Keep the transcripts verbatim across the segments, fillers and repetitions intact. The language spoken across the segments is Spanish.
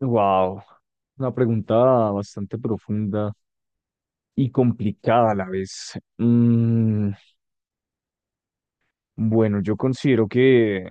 Wow, una pregunta bastante profunda y complicada a la vez. Mm, bueno, yo considero que,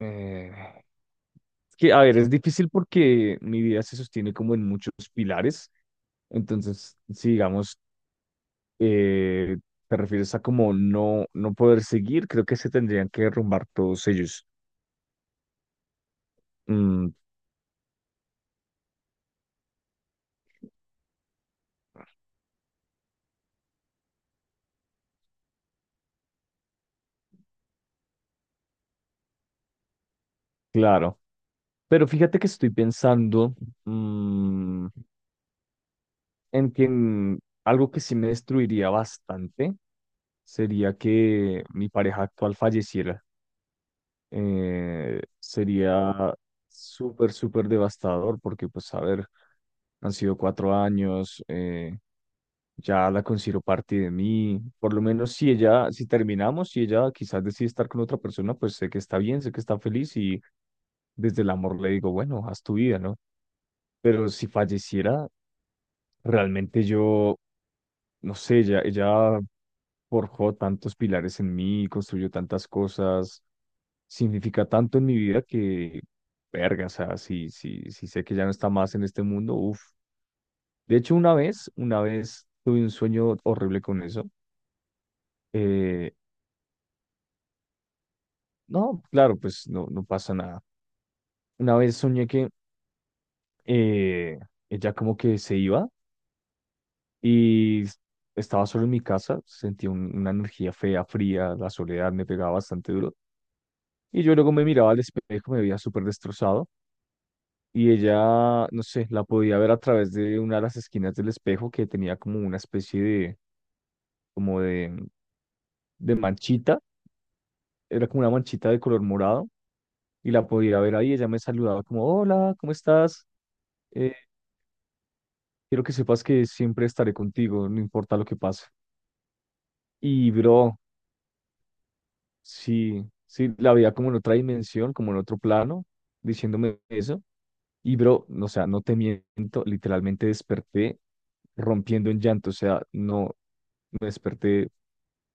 eh, que, a ver, es difícil porque mi vida se sostiene como en muchos pilares. Entonces, si digamos, eh, te refieres a como no, no poder seguir, creo que se tendrían que derrumbar todos ellos. Mm, claro. Pero fíjate que estoy pensando, mm, en quien algo que sí me destruiría bastante sería que mi pareja actual falleciera. Eh, sería súper, súper devastador porque, pues, a ver, han sido cuatro años, eh, ya la considero parte de mí. Por lo menos si ella, si terminamos, si ella quizás decide estar con otra persona, pues sé que está bien, sé que está feliz y desde el amor le digo, bueno, haz tu vida, ¿no? Pero si falleciera, realmente yo no sé, ya, ella forjó tantos pilares en mí, construyó tantas cosas, significa tanto en mi vida que, verga, o sea, si, si, si sé que ya no está más en este mundo, uff. De hecho, una vez, una vez tuve un sueño horrible con eso. Eh, no, claro, pues no, no pasa nada. Una vez soñé que eh, ella como que se iba y s- estaba solo en mi casa, sentía un- una energía fea, fría, la soledad me pegaba bastante duro. Y yo luego me miraba al espejo, me veía súper destrozado. Y ella, no sé, la podía ver a través de una de las esquinas del espejo que tenía como una especie de, como de, de manchita. Era como una manchita de color morado. Y la podía ver ahí. Ella me saludaba como, hola, ¿cómo estás? Eh, quiero que sepas que siempre estaré contigo, no importa lo que pase. Y bro, sí, sí, la veía como en otra dimensión, como en otro plano, diciéndome eso. Y bro, no, o sea, no te miento, literalmente desperté rompiendo en llanto, o sea, no, me desperté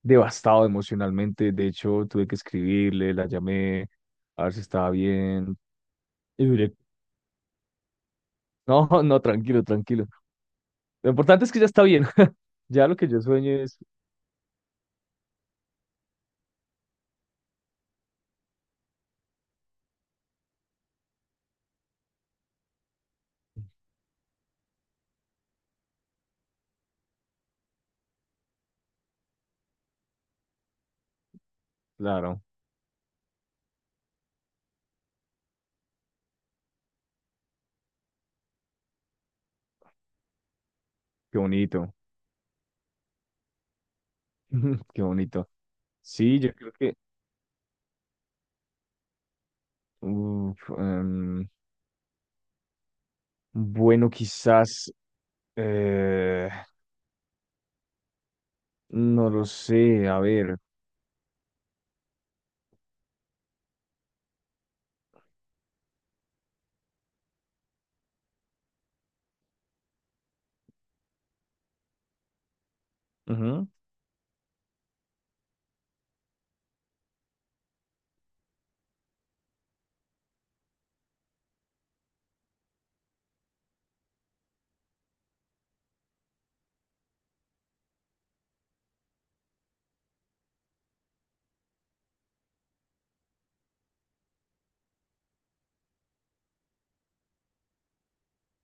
devastado emocionalmente. De hecho, tuve que escribirle, la llamé, a ver si estaba bien. Y duré- no, no, tranquilo, tranquilo. Lo importante es que ya está bien. Ya lo que yo sueño es, claro, qué bonito, qué bonito. Sí, yo creo que, uf, em, bueno, quizás, eh, no lo sé, a ver, ujú,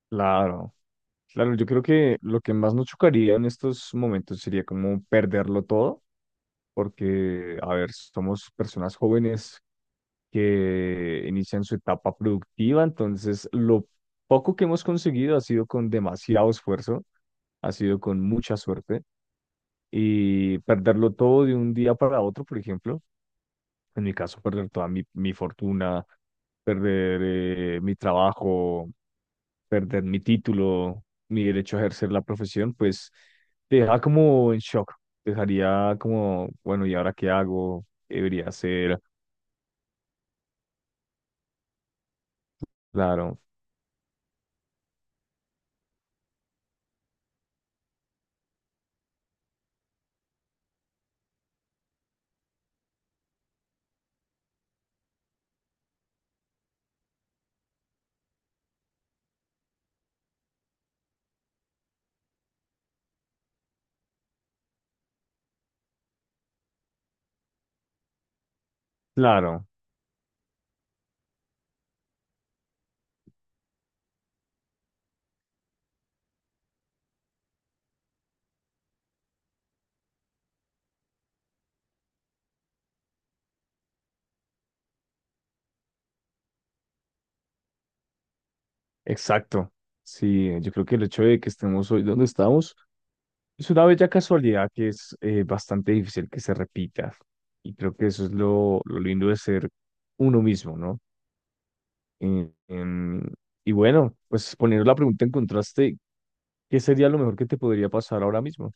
claro, claro, yo creo que lo que más nos chocaría en estos momentos sería como perderlo todo, porque, a ver, somos personas jóvenes que inician su etapa productiva, entonces lo poco que hemos conseguido ha sido con demasiado esfuerzo, ha sido con mucha suerte, y perderlo todo de un día para otro, por ejemplo. En mi caso, perder toda mi, mi fortuna, perder eh, mi trabajo, perder mi título, mi derecho a ejercer la profesión, pues te deja como en shock. Te dejaría como, bueno, ¿y ahora qué hago? ¿Qué debería hacer? Claro, claro, exacto. Sí, yo creo que el hecho de que estemos hoy donde estamos es una bella casualidad que es eh, bastante difícil que se repita. Y creo que eso es lo, lo lindo de ser uno mismo, ¿no? Eh, em, y bueno, pues poniendo la pregunta en contraste, ¿qué sería lo mejor que te podría pasar ahora mismo?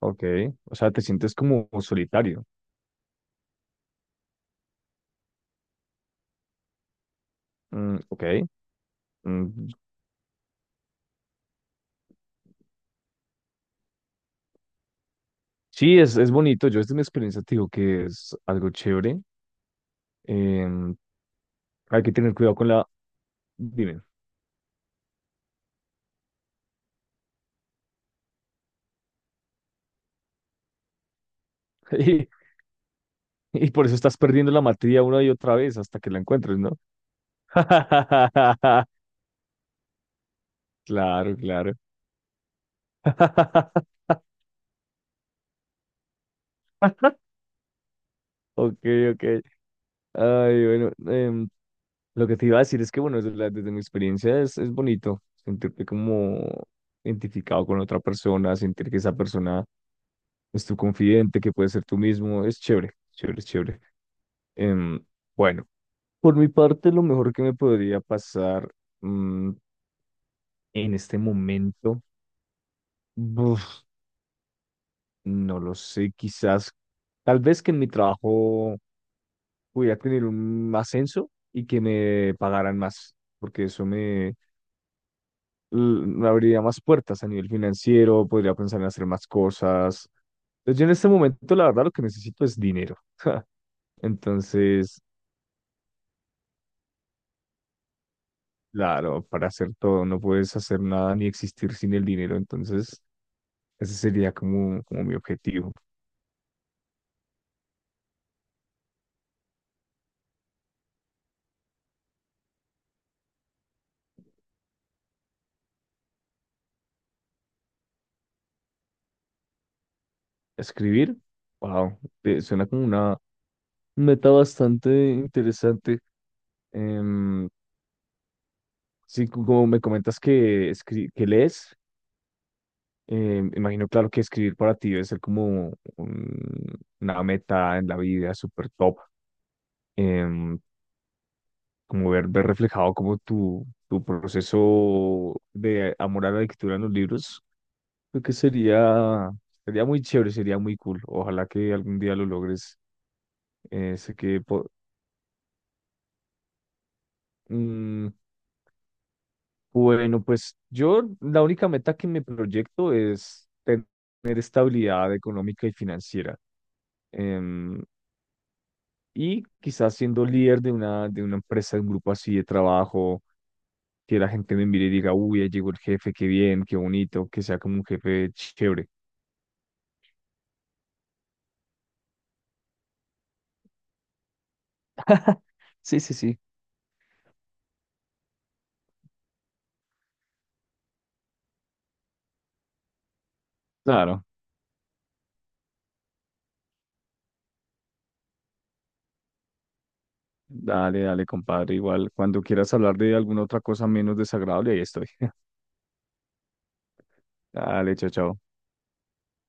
Ok, o sea, te sientes como solitario. Mm, ok. Mm, sí, es, es bonito. Yo desde mi experiencia te digo que es algo chévere. Em, hay que tener cuidado con la... Dime. Y, y por eso estás perdiendo la materia una y otra vez hasta que la encuentres, ¿no? Claro, claro. Ok, ok. Ay, bueno. em, Lo que te iba a decir es que, bueno, desde, la- desde mi experiencia es, es bonito sentirte como identificado con otra persona, sentir que esa persona es tu confidente, que puedes ser tú mismo, es chévere, chévere, es chévere. Em, bueno, por mi parte, lo mejor que me podría pasar mm, en este momento, buf, no lo sé, quizás, tal vez que en mi trabajo pudiera tener un ascenso y que me pagaran más, porque eso me l- abriría más puertas a nivel financiero, podría pensar en hacer más cosas. Entonces, yo en este momento, la verdad, lo que necesito es dinero. Entonces, claro, para hacer todo no puedes hacer nada ni existir sin el dinero. Entonces, ese sería como, como mi objetivo. Escribir, wow, suena como una meta bastante interesante. Em, sí, cu- como me comentas que, escri- que lees, Eh, imagino, claro, que escribir para ti debe ser como un- una meta en la vida súper top, em, como ver, ver reflejado como tu, tu proceso de amor a la lectura en los libros, creo que sería, sería muy chévere, sería muy cool. Ojalá que algún día lo logres. Eh, sé que, po- mm, bueno, pues yo la única meta que me proyecto es tener estabilidad económica y financiera. em, Y quizás siendo líder de una, de una empresa, de un grupo así de trabajo, que la gente me mire y diga, uy, ya llegó el jefe, qué bien, qué bonito, que sea como un jefe chévere. Sí, sí, sí. Claro, dale, dale, compadre. Igual, cuando quieras hablar de alguna otra cosa menos desagradable, ahí estoy. Dale, chao, chao.